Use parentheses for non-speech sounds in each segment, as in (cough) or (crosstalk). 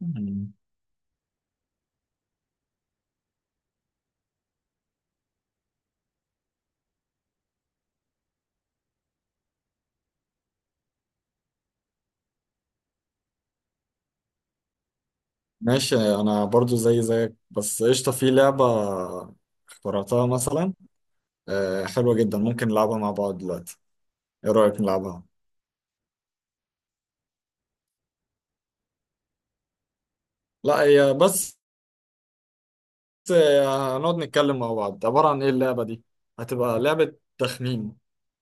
مم. ماشي، انا برضو زي زيك. بس قشطة، في لعبة اخترعتها مثلا. حلوة جدا، ممكن نلعبها مع بعض دلوقتي؟ ايه رأيك نلعبها؟ لا هي بس، هنقعد نتكلم مع بعض. عبارة عن ايه اللعبة دي؟ هتبقى لعبة تخمين.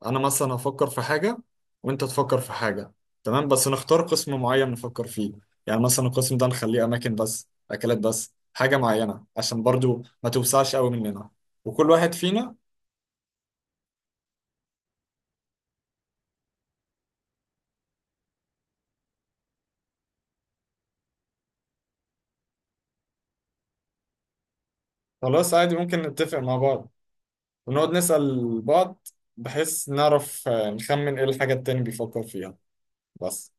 انا مثلا هفكر في حاجة، وانت تفكر في حاجة. تمام، بس نختار قسم معين نفكر فيه. يعني مثلا القسم ده نخليه اماكن بس، اكلات بس، حاجة معينة، عشان برضو ما توسعش قوي مننا. وكل واحد فينا. خلاص، عادي، ممكن نتفق مع بعض ونقعد نسأل بعض، بحيث نعرف نخمن ايه الحاجة التاني بيفكر فيها. بس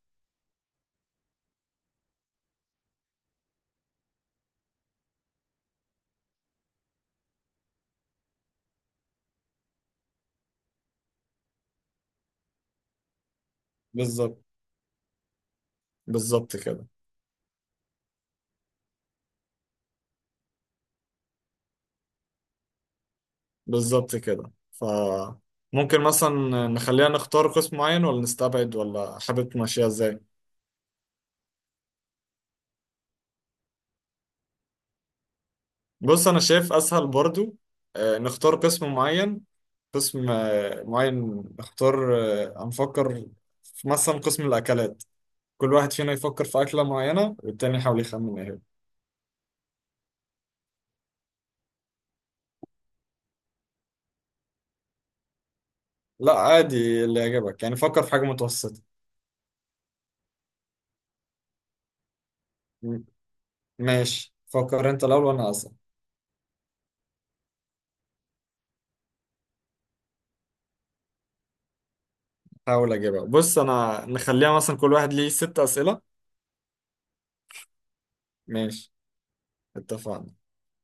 بالظبط. بالظبط كده. بالظبط كده. ف ممكن مثلا نخليها، نختار قسم معين ولا نستبعد، ولا حابب تمشيها ازاي؟ بص، انا شايف اسهل برضو نختار قسم معين. قسم معين نختار. هنفكر في مثلا قسم الاكلات. كل واحد فينا يفكر في أكلة معينة، والتاني يحاول يخمن ايه هي. لا، عادي، اللي يعجبك. يعني فكر في حاجة متوسطة. م- ماشي، فكر انت الأول وأنا أصلا هحاول أجيبها. بص، أنا نخليها مثلا كل واحد ليه ست أسئلة. ماشي، اتفقنا.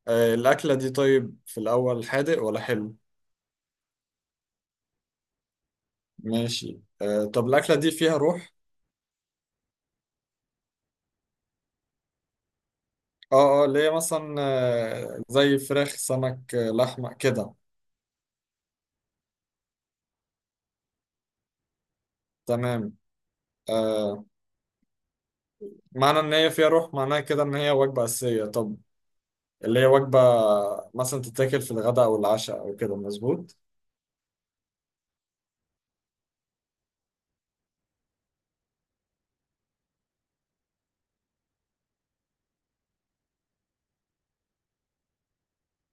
آه، الأكلة دي طيب، في الأول حادق ولا حلو؟ ماشي. آه، طب الأكلة دي فيها روح؟ اه اه، اللي هي مثلا آه زي فراخ، سمك، آه لحمة كده. تمام. آه، معنى إن هي فيها روح معناها كده إن هي وجبة أساسية. طب اللي هي وجبة مثلا تتاكل في الغداء أو العشاء أو كده؟ مظبوط.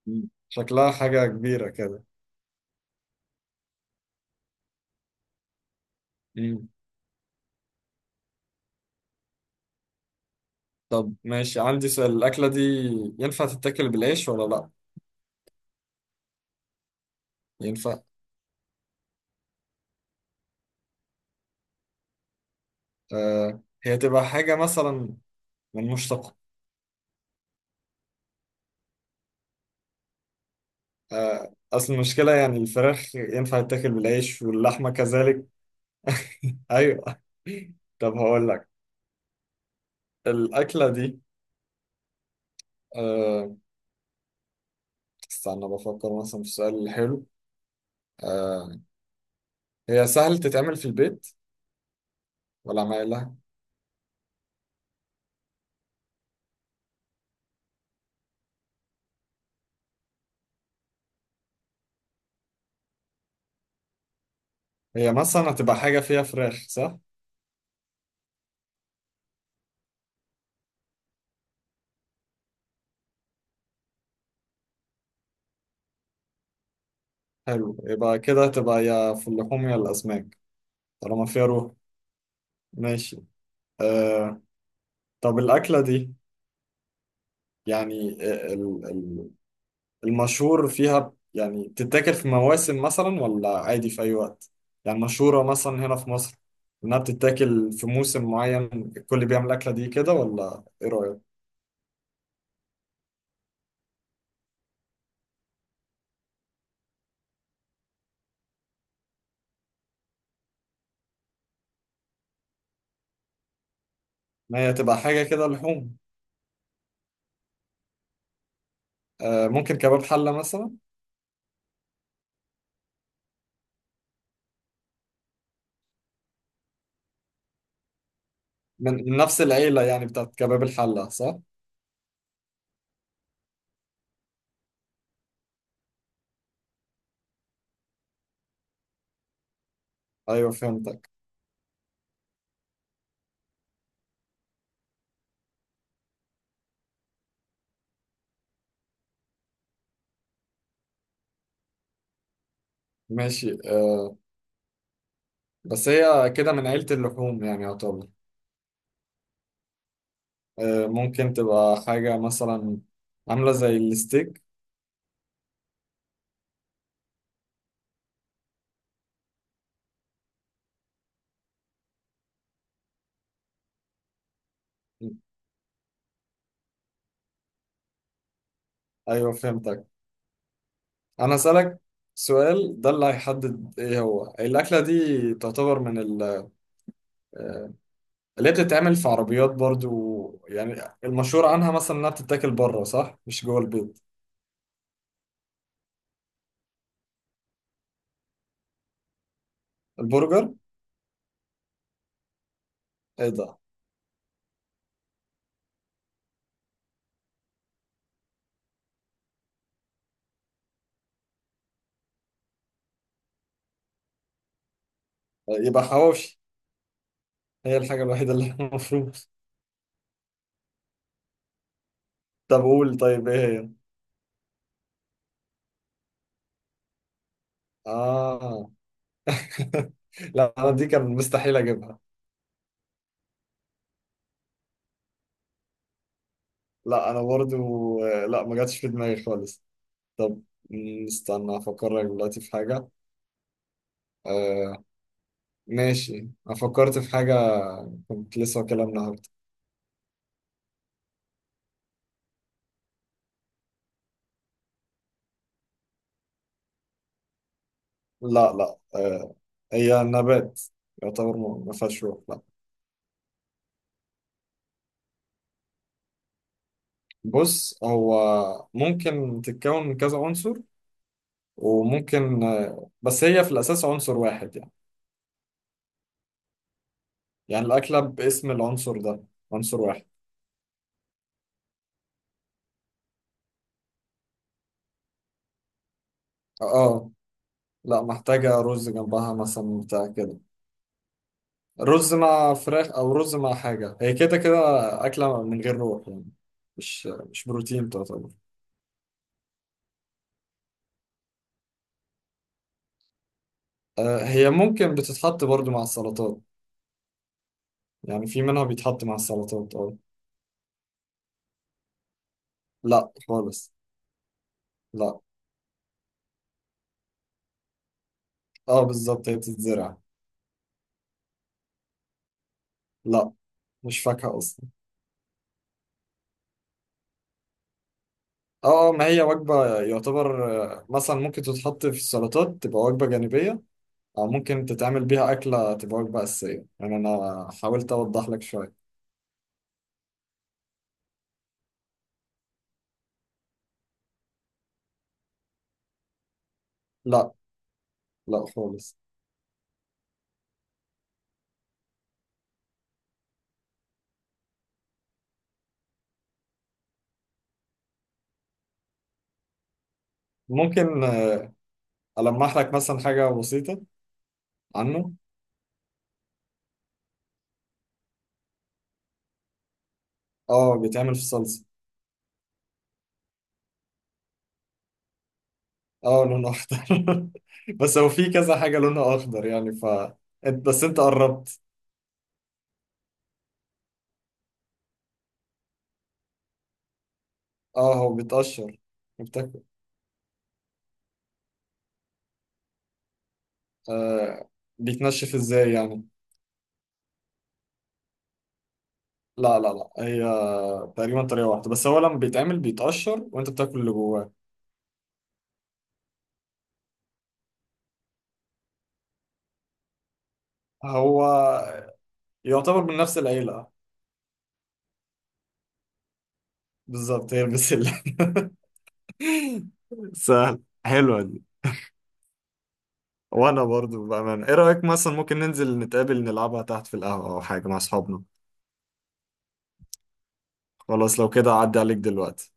مم. شكلها حاجة كبيرة كده. مم. طب ماشي، عندي سؤال: الأكلة دي ينفع تتاكل بالعيش ولا لأ؟ ينفع. آه، هي تبقى حاجة مثلا من مشتق. آه، أصل المشكلة، يعني الفراخ ينفع تتاكل بالعيش، واللحمة كذلك. (laughs) أيوه. طب هقول لك، الأكلة دي آه، استنى بفكر مثلا في السؤال الحلو. آه، هي سهل تتعمل في البيت ولا ما لها؟ هي مثلا هتبقى حاجة فيها فراخ، صح؟ حلو، يبقى كده تبقى يا في اللحوم يا الأسماك، طالما فيها روح. ماشي. آه، طب الأكلة دي يعني المشهور فيها يعني بتتاكل في مواسم مثلا ولا عادي في أي وقت؟ يعني مشهورة مثلا هنا في مصر إنها بتتاكل في موسم معين، الكل بيعمل الأكلة دي كده، ولا إيه رأيك؟ إن هي تبقى حاجة كده لحوم. آه، ممكن كباب حلة مثلا. من نفس العيلة يعني بتاعت كباب الحلة، صح؟ أيوه، فهمتك. ماشي. آه، بس هي كده من عيلة اللحوم يعني يعتبر. ممكن تبقى حاجة مثلا عاملة زي الستيك. أيوة، فهمتك. أنا أسألك سؤال ده اللي هيحدد إيه هو: الأكلة دي تعتبر من آه، اللي هي بتتعمل في عربيات برضو يعني، المشهور عنها مثلا إنها بتتاكل بره، صح؟ مش جوه البيت؟ البرجر؟ إيه ده آه، يبقى حواوشي، هي الحاجة الوحيدة اللي (laughs) المفروض. طب قول، طيب إيه هي؟ آه. (laughs) لا أنا دي كان مستحيل أجيبها. لا انا برضو لا، ما جاتش في دماغي خالص. طب، استنى افكر لك دلوقتي في حاجه. آه. ماشي، انا فكرت في حاجه كنت لسه واكلها النهارده. لا لا. آه، هي نبات يعتبر، ما ما فيهاش روح، لا. بص، هو ممكن تتكون من كذا عنصر، وممكن آه، بس هي في الاساس عنصر واحد يعني. يعني الاكله باسم العنصر ده، عنصر واحد. اه. لا، محتاجه رز جنبها مثلا بتاع كده. رز مع فراخ، او رز مع حاجه، هي كده كده اكله من غير روح يعني، مش مش بروتين تعتبر. آه، هي ممكن بتتحط برضو مع السلطات، يعني في منها بيتحط مع السلطات، اه. لا خالص. لا. اه بالظبط، هي بتتزرع. لا، مش فاكهه اصلا. اه. آه، ما هي وجبه يعتبر. آه، مثلا ممكن تتحط في السلطات تبقى وجبه جانبيه، او ممكن تتعمل بيها اكله تبقى وجبه اساسيه، يعني انا حاولت اوضح لك شويه. لا. لا خالص. ممكن ألمح لك مثلا حاجة بسيطة عنه. اه، بيتعمل في صلصة. اه، لونه أخضر. (laughs) بس هو في كذا حاجة لونها أخضر يعني ف بس أنت قربت. اه، هو بيتقشر وبتاكل. آه، بيتنشف ازاي يعني؟ لا لا لا، هي تقريبا طريقة واحدة، بس هو لما بيتعمل بيتقشر وأنت بتاكل اللي جواه. هو يعتبر من نفس العيلة. بالظبط، هي البسلة. (laughs) سهل، حلوة دي. وانا برضو بأمانة، ايه رأيك مثلا ممكن ننزل نتقابل نلعبها تحت في القهوة او حاجة مع اصحابنا؟ خلاص، لو كده اعدي عليك دلوقتي.